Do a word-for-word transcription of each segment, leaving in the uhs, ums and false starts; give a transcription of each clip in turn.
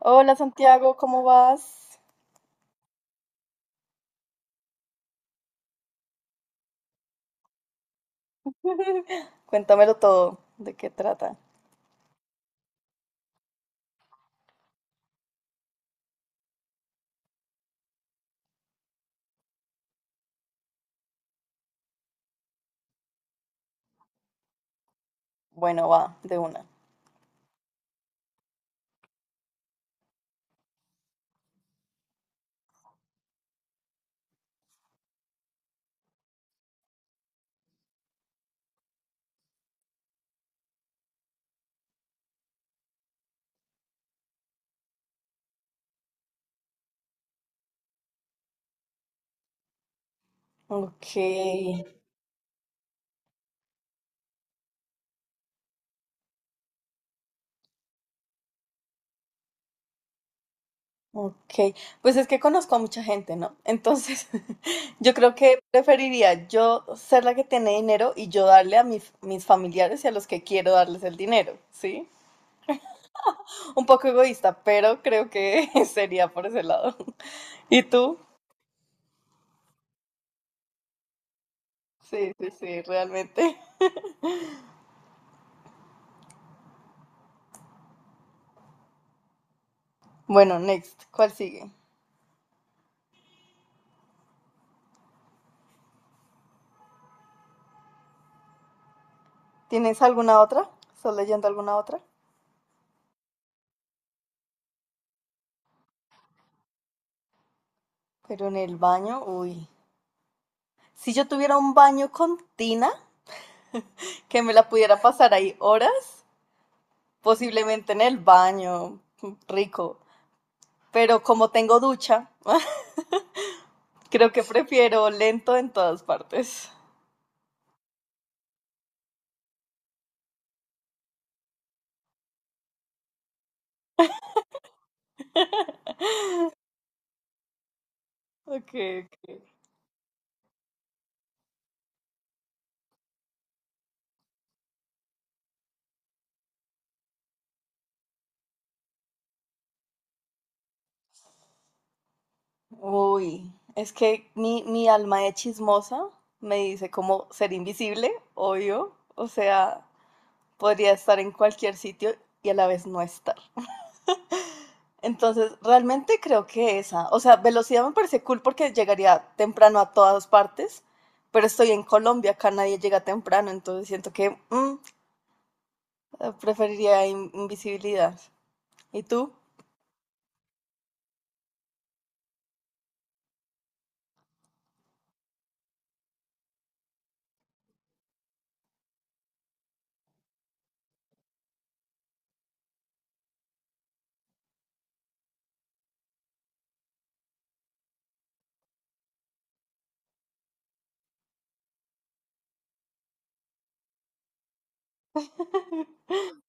Hola Santiago, ¿cómo vas? Cuéntamelo todo, ¿de qué trata? Bueno, va, de una. Ok, ok. Pues es que conozco a mucha gente, ¿no? Entonces, yo creo que preferiría yo ser la que tiene dinero y yo darle a mis, mis familiares y a los que quiero darles el dinero, ¿sí? Un poco egoísta, pero creo que sería por ese lado. ¿Y tú? Sí, sí, sí, realmente. Bueno, next, ¿cuál sigue? ¿Tienes alguna otra? ¿Estás leyendo alguna otra? Pero en el baño, uy. Si yo tuviera un baño con tina, que me la pudiera pasar ahí horas, posiblemente en el baño, rico. Pero como tengo ducha, creo que prefiero lento en todas partes. Ok, ok. Uy, es que mi, mi alma de chismosa me dice como ser invisible, obvio. O sea, podría estar en cualquier sitio y a la vez no estar. Entonces, realmente creo que esa, o sea, velocidad me parece cool porque llegaría temprano a todas partes, pero estoy en Colombia, acá nadie llega temprano, entonces siento que mm, eh, preferiría in- invisibilidad. ¿Y tú?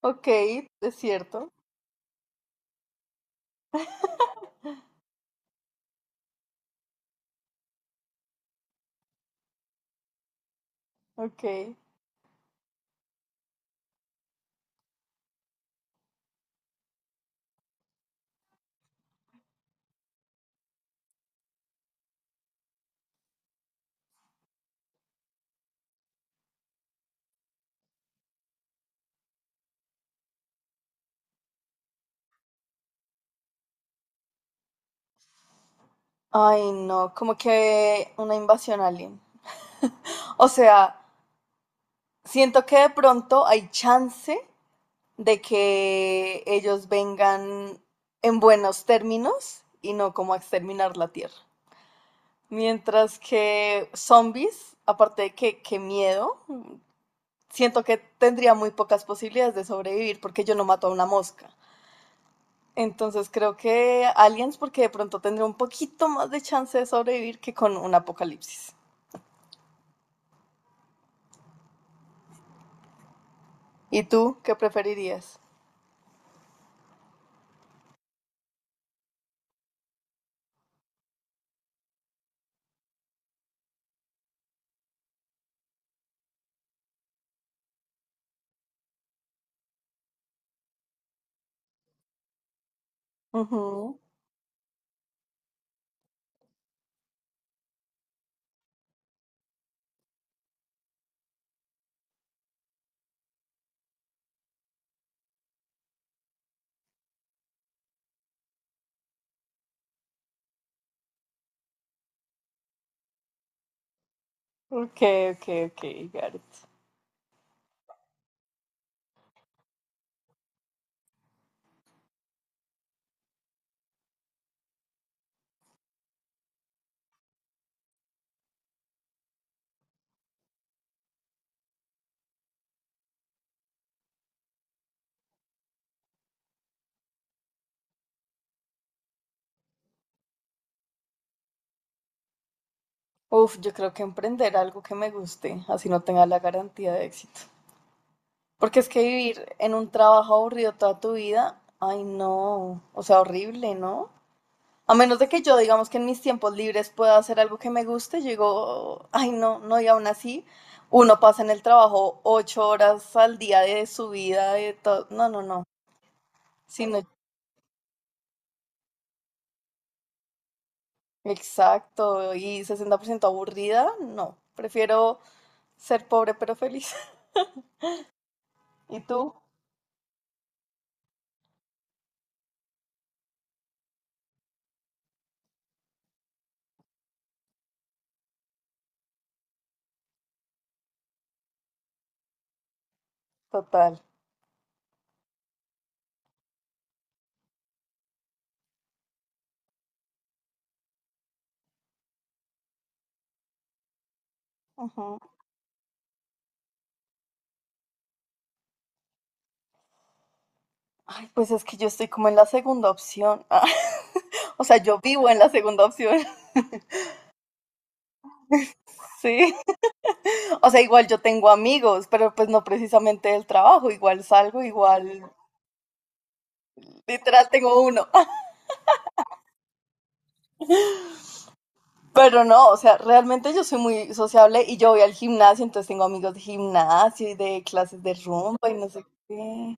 Ok, es cierto. Ok. Ay, no, como que una invasión alien. O sea, siento que de pronto hay chance de que ellos vengan en buenos términos y no como a exterminar la Tierra. Mientras que zombies, aparte de que qué miedo, siento que tendría muy pocas posibilidades de sobrevivir porque yo no mato a una mosca. Entonces creo que aliens porque de pronto tendría un poquito más de chance de sobrevivir que con un apocalipsis. ¿Y tú qué preferirías? Ujú. Ok, ok, ok, got it. Uf, yo creo que emprender algo que me guste, así no tenga la garantía de éxito. Porque es que vivir en un trabajo aburrido toda tu vida, ay no, o sea, horrible, ¿no? A menos de que yo, digamos que en mis tiempos libres pueda hacer algo que me guste, yo digo, ay, no, no, y aún así, uno pasa en el trabajo ocho horas al día de su vida, de todo. No, no, no. Sino, exacto, y sesenta por ciento aburrida, no. Prefiero ser pobre pero feliz. ¿Y tú? Total. Ujú. Ay, pues es que yo estoy como en la segunda opción. Ah, o sea, yo vivo en la segunda opción. Sí. O sea, igual yo tengo amigos, pero pues no precisamente del trabajo, igual salgo, igual literal tengo uno. Pero no, o sea, realmente yo soy muy sociable y yo voy al gimnasio, entonces tengo amigos de gimnasio y de clases de rumba y no sé qué.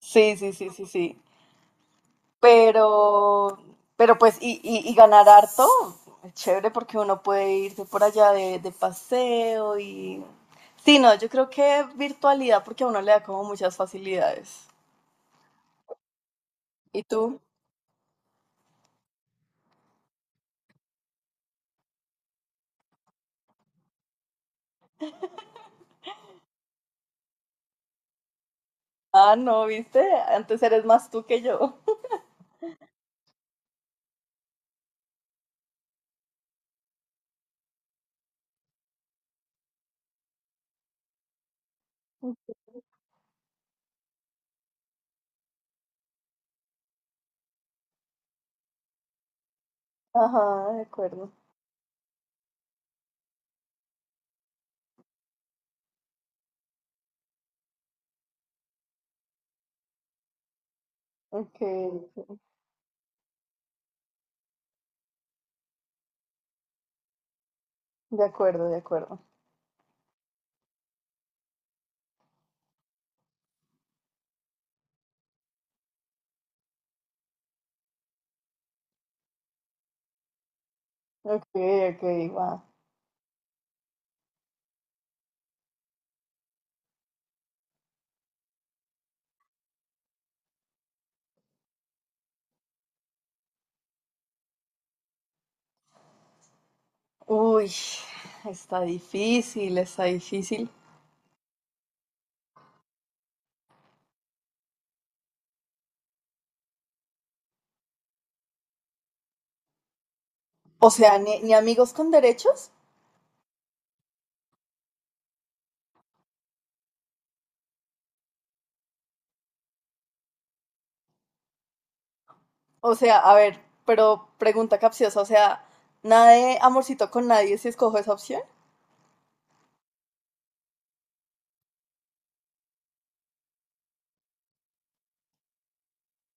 Sí, sí, sí, sí, sí. Pero, pero pues, y, y, y ganar harto, es chévere porque uno puede irse por allá de, de paseo y... Sí, no, yo creo que virtualidad porque a uno le da como muchas facilidades. ¿Y tú? Ah, no, ¿viste? Antes eres más tú que yo. Ajá, de acuerdo. Ok, de acuerdo, de acuerdo. Ok, ok, va. Uy, está difícil, está difícil. O sea, ni, ni amigos con derechos. O sea, a ver, pero pregunta capciosa, o sea, nada de amorcito con nadie si escojo esa opción.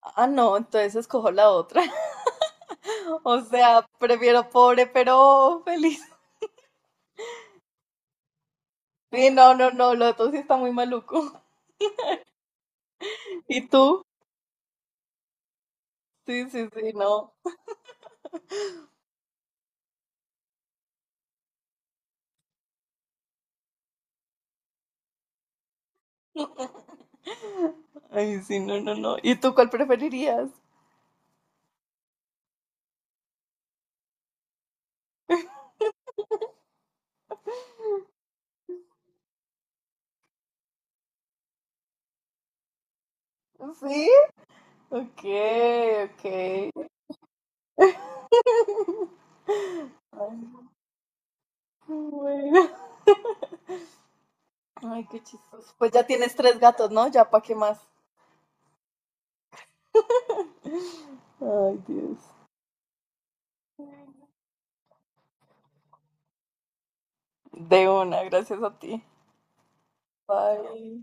Ah, no, entonces escojo la otra. O sea, prefiero pobre pero feliz. Sí, no, no, no, lo otro sí está muy maluco. ¿Y tú? Sí, sí, sí, no. Ay, sí, no, no, no. ¿Y tú cuál preferirías? ¿Sí? Ok, ok. Ay, qué bueno. Ay, qué chistoso. Pues ya tienes tres gatos, ¿no? Ya, ¿para qué más? Ay, Dios. De una, gracias a ti. Bye.